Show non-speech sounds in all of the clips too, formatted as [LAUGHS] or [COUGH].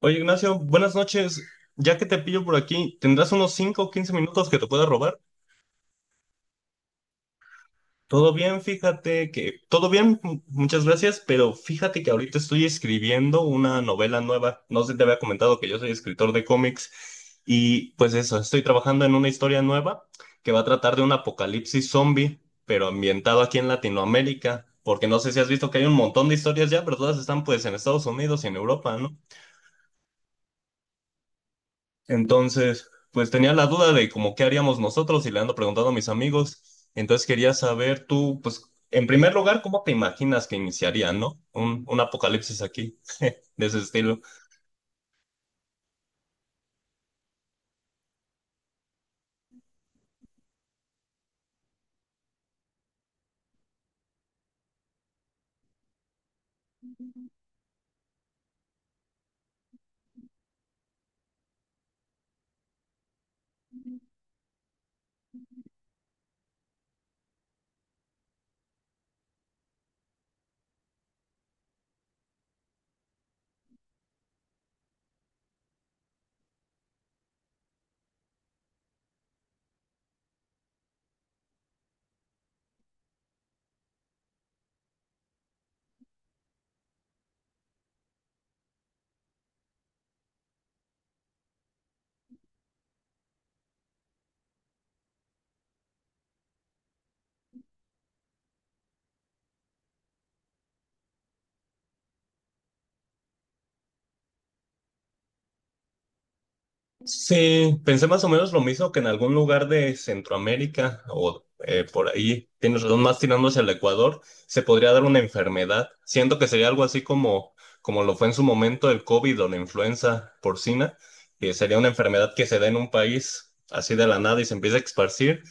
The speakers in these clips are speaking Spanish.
Oye, Ignacio, buenas noches. Ya que te pillo por aquí, ¿tendrás unos 5 o 15 minutos que te pueda robar? Todo bien, fíjate que... Todo bien, muchas gracias, pero fíjate que ahorita estoy escribiendo una novela nueva. No sé si te había comentado que yo soy escritor de cómics y pues eso, estoy trabajando en una historia nueva que va a tratar de un apocalipsis zombie, pero ambientado aquí en Latinoamérica, porque no sé si has visto que hay un montón de historias ya, pero todas están pues en Estados Unidos y en Europa, ¿no? Entonces, pues tenía la duda de como qué haríamos nosotros y le ando preguntando a mis amigos. Entonces quería saber tú, pues, en primer lugar, ¿cómo te imaginas que iniciaría, no? Un apocalipsis aquí, [LAUGHS] de ese estilo. Sí, pensé más o menos lo mismo que en algún lugar de Centroamérica o por ahí, tienes razón, más tirando hacia el Ecuador, se podría dar una enfermedad. Siento que sería algo así como, como lo fue en su momento el COVID o la influenza porcina, que sería una enfermedad que se da en un país así de la nada y se empieza a esparcir.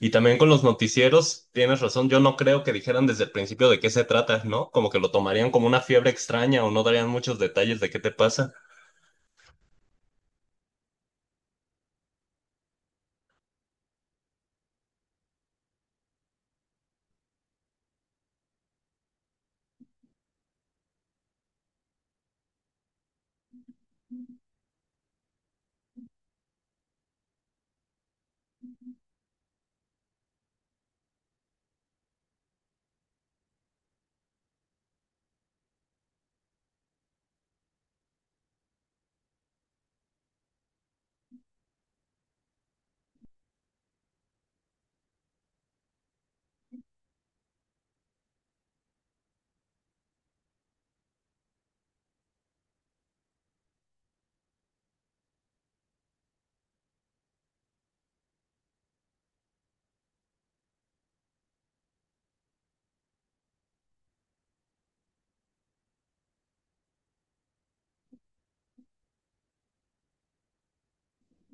Y también con los noticieros, tienes razón, yo no creo que dijeran desde el principio de qué se trata, ¿no? Como que lo tomarían como una fiebre extraña o no darían muchos detalles de qué te pasa.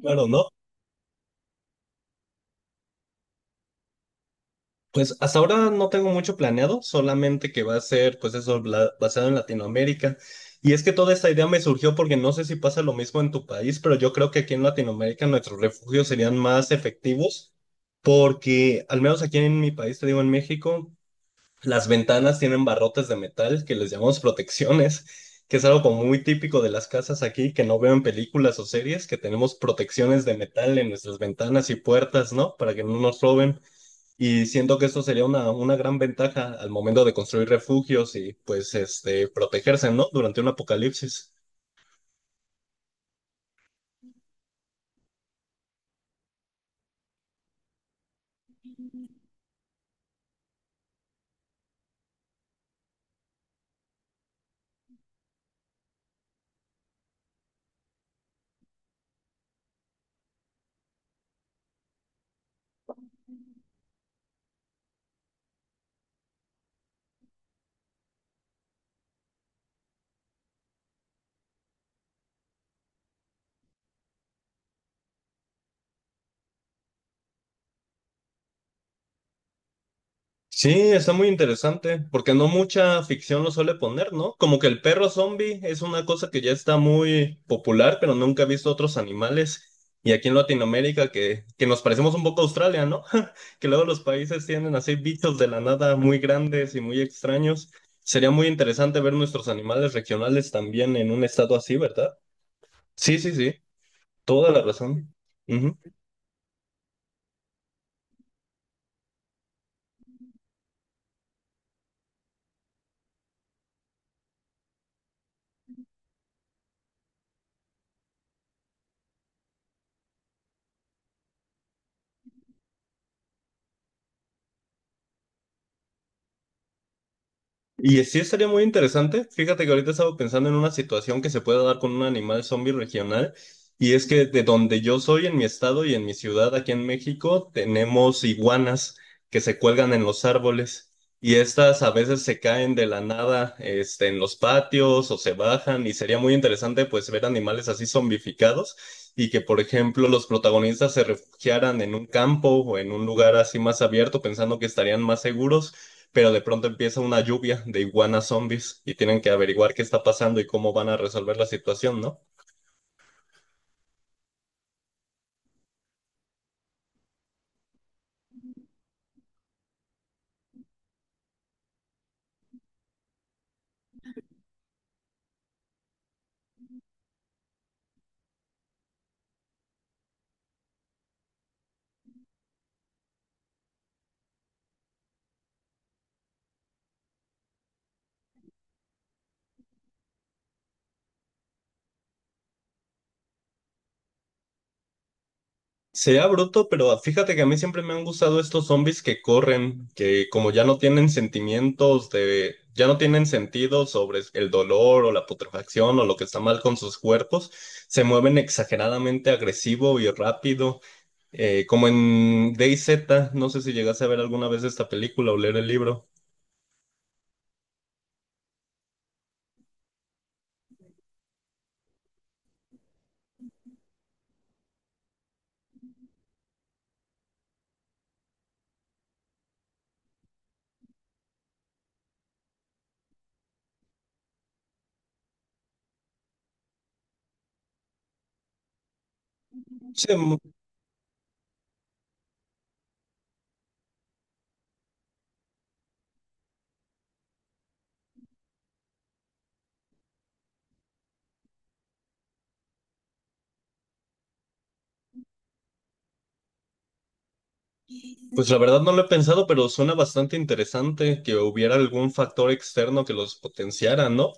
Claro, ¿no? Pues hasta ahora no tengo mucho planeado, solamente que va a ser, pues eso, basado en Latinoamérica. Y es que toda esta idea me surgió porque no sé si pasa lo mismo en tu país, pero yo creo que aquí en Latinoamérica nuestros refugios serían más efectivos porque, al menos aquí en mi país, te digo en México, las ventanas tienen barrotes de metal que les llamamos protecciones, que es algo como muy típico de las casas aquí, que no veo en películas o series, que tenemos protecciones de metal en nuestras ventanas y puertas, ¿no? Para que no nos roben. Y siento que esto sería una gran ventaja al momento de construir refugios y pues este, protegerse, ¿no? Durante un apocalipsis. Sí, está muy interesante, porque no mucha ficción lo suele poner, ¿no? Como que el perro zombie es una cosa que ya está muy popular, pero nunca he visto otros animales. Y aquí en Latinoamérica, que nos parecemos un poco a Australia, ¿no? [LAUGHS] Que luego los países tienen así bichos de la nada muy grandes y muy extraños. Sería muy interesante ver nuestros animales regionales también en un estado así, ¿verdad? Sí, sí, sí, toda la razón. Y sí sería muy interesante. Fíjate que ahorita estaba pensando en una situación que se puede dar con un animal zombie regional. Y es que de donde yo soy, en mi estado y en mi ciudad, aquí en México, tenemos iguanas que se cuelgan en los árboles. Y estas a veces se caen de la nada, este, en los patios o se bajan. Y sería muy interesante, pues, ver animales así zombificados y que, por ejemplo, los protagonistas se refugiaran en un campo o en un lugar así más abierto, pensando que estarían más seguros pero de pronto empieza una lluvia de iguanas zombies y tienen que averiguar qué está pasando y cómo van a resolver la situación, ¿no? Sea bruto, pero fíjate que a mí siempre me han gustado estos zombies que corren, que como ya no tienen sentimientos de, ya no tienen sentido sobre el dolor o la putrefacción o lo que está mal con sus cuerpos, se mueven exageradamente agresivo y rápido, como en DayZ, no sé si llegaste a ver alguna vez esta película o leer el libro. Se, Pues la verdad no lo he pensado, pero suena bastante interesante que hubiera algún factor externo que los potenciara, ¿no?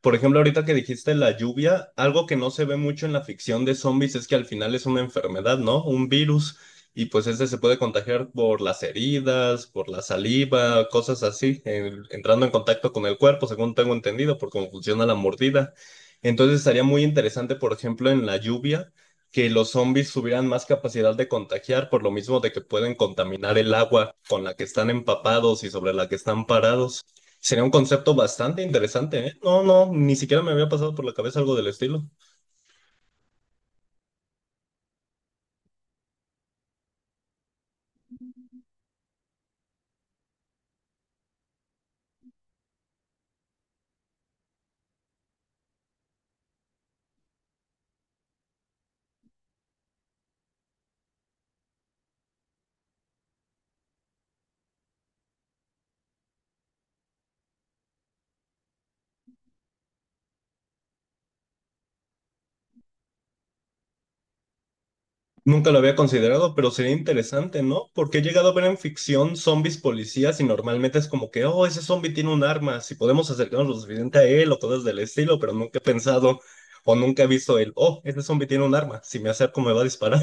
Por ejemplo, ahorita que dijiste la lluvia, algo que no se ve mucho en la ficción de zombies es que al final es una enfermedad, ¿no? Un virus, y pues ese se puede contagiar por las heridas, por la saliva, cosas así, entrando en contacto con el cuerpo, según tengo entendido, por cómo funciona la mordida. Entonces estaría muy interesante, por ejemplo, en la lluvia que los zombies tuvieran más capacidad de contagiar, por lo mismo de que pueden contaminar el agua con la que están empapados y sobre la que están parados. Sería un concepto bastante interesante, ¿eh? No, no, ni siquiera me había pasado por la cabeza algo del estilo. Nunca lo había considerado, pero sería interesante, ¿no? Porque he llegado a ver en ficción zombies policías y normalmente es como que, oh, ese zombie tiene un arma, si podemos acercarnos lo suficiente a él o cosas del estilo, pero nunca he pensado o nunca he visto el, oh, ese zombie tiene un arma, si me acerco me va a disparar.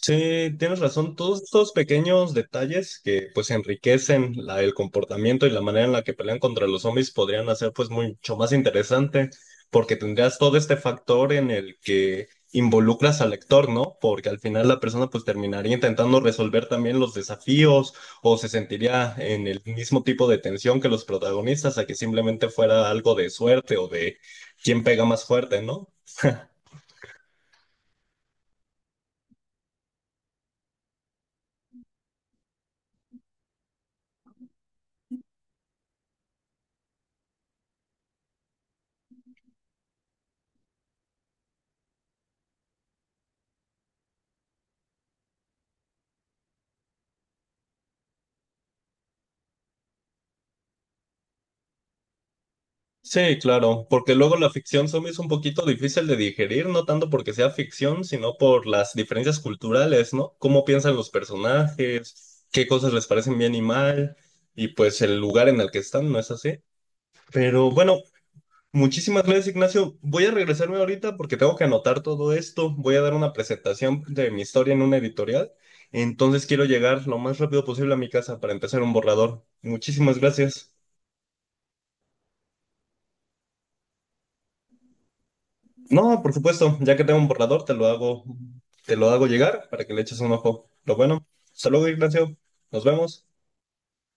Sí, tienes razón. Todos estos pequeños detalles que pues enriquecen el comportamiento y la manera en la que pelean contra los zombies podrían hacer pues mucho más interesante porque tendrías todo este factor en el que involucras al lector, ¿no? Porque al final la persona pues terminaría intentando resolver también los desafíos o se sentiría en el mismo tipo de tensión que los protagonistas a que simplemente fuera algo de suerte o de quién pega más fuerte, ¿no? [LAUGHS] Sí, claro, porque luego la ficción zombie es un poquito difícil de digerir, no tanto porque sea ficción, sino por las diferencias culturales, ¿no? Cómo piensan los personajes, qué cosas les parecen bien y mal, y pues el lugar en el que están, ¿no es así? Pero bueno, muchísimas gracias, Ignacio. Voy a regresarme ahorita porque tengo que anotar todo esto. Voy a dar una presentación de mi historia en una editorial, entonces quiero llegar lo más rápido posible a mi casa para empezar un borrador. Muchísimas gracias. No, por supuesto, ya que tengo un borrador, te lo hago llegar para que le eches un ojo. Lo bueno. Hasta luego, Ignacio. Nos vemos.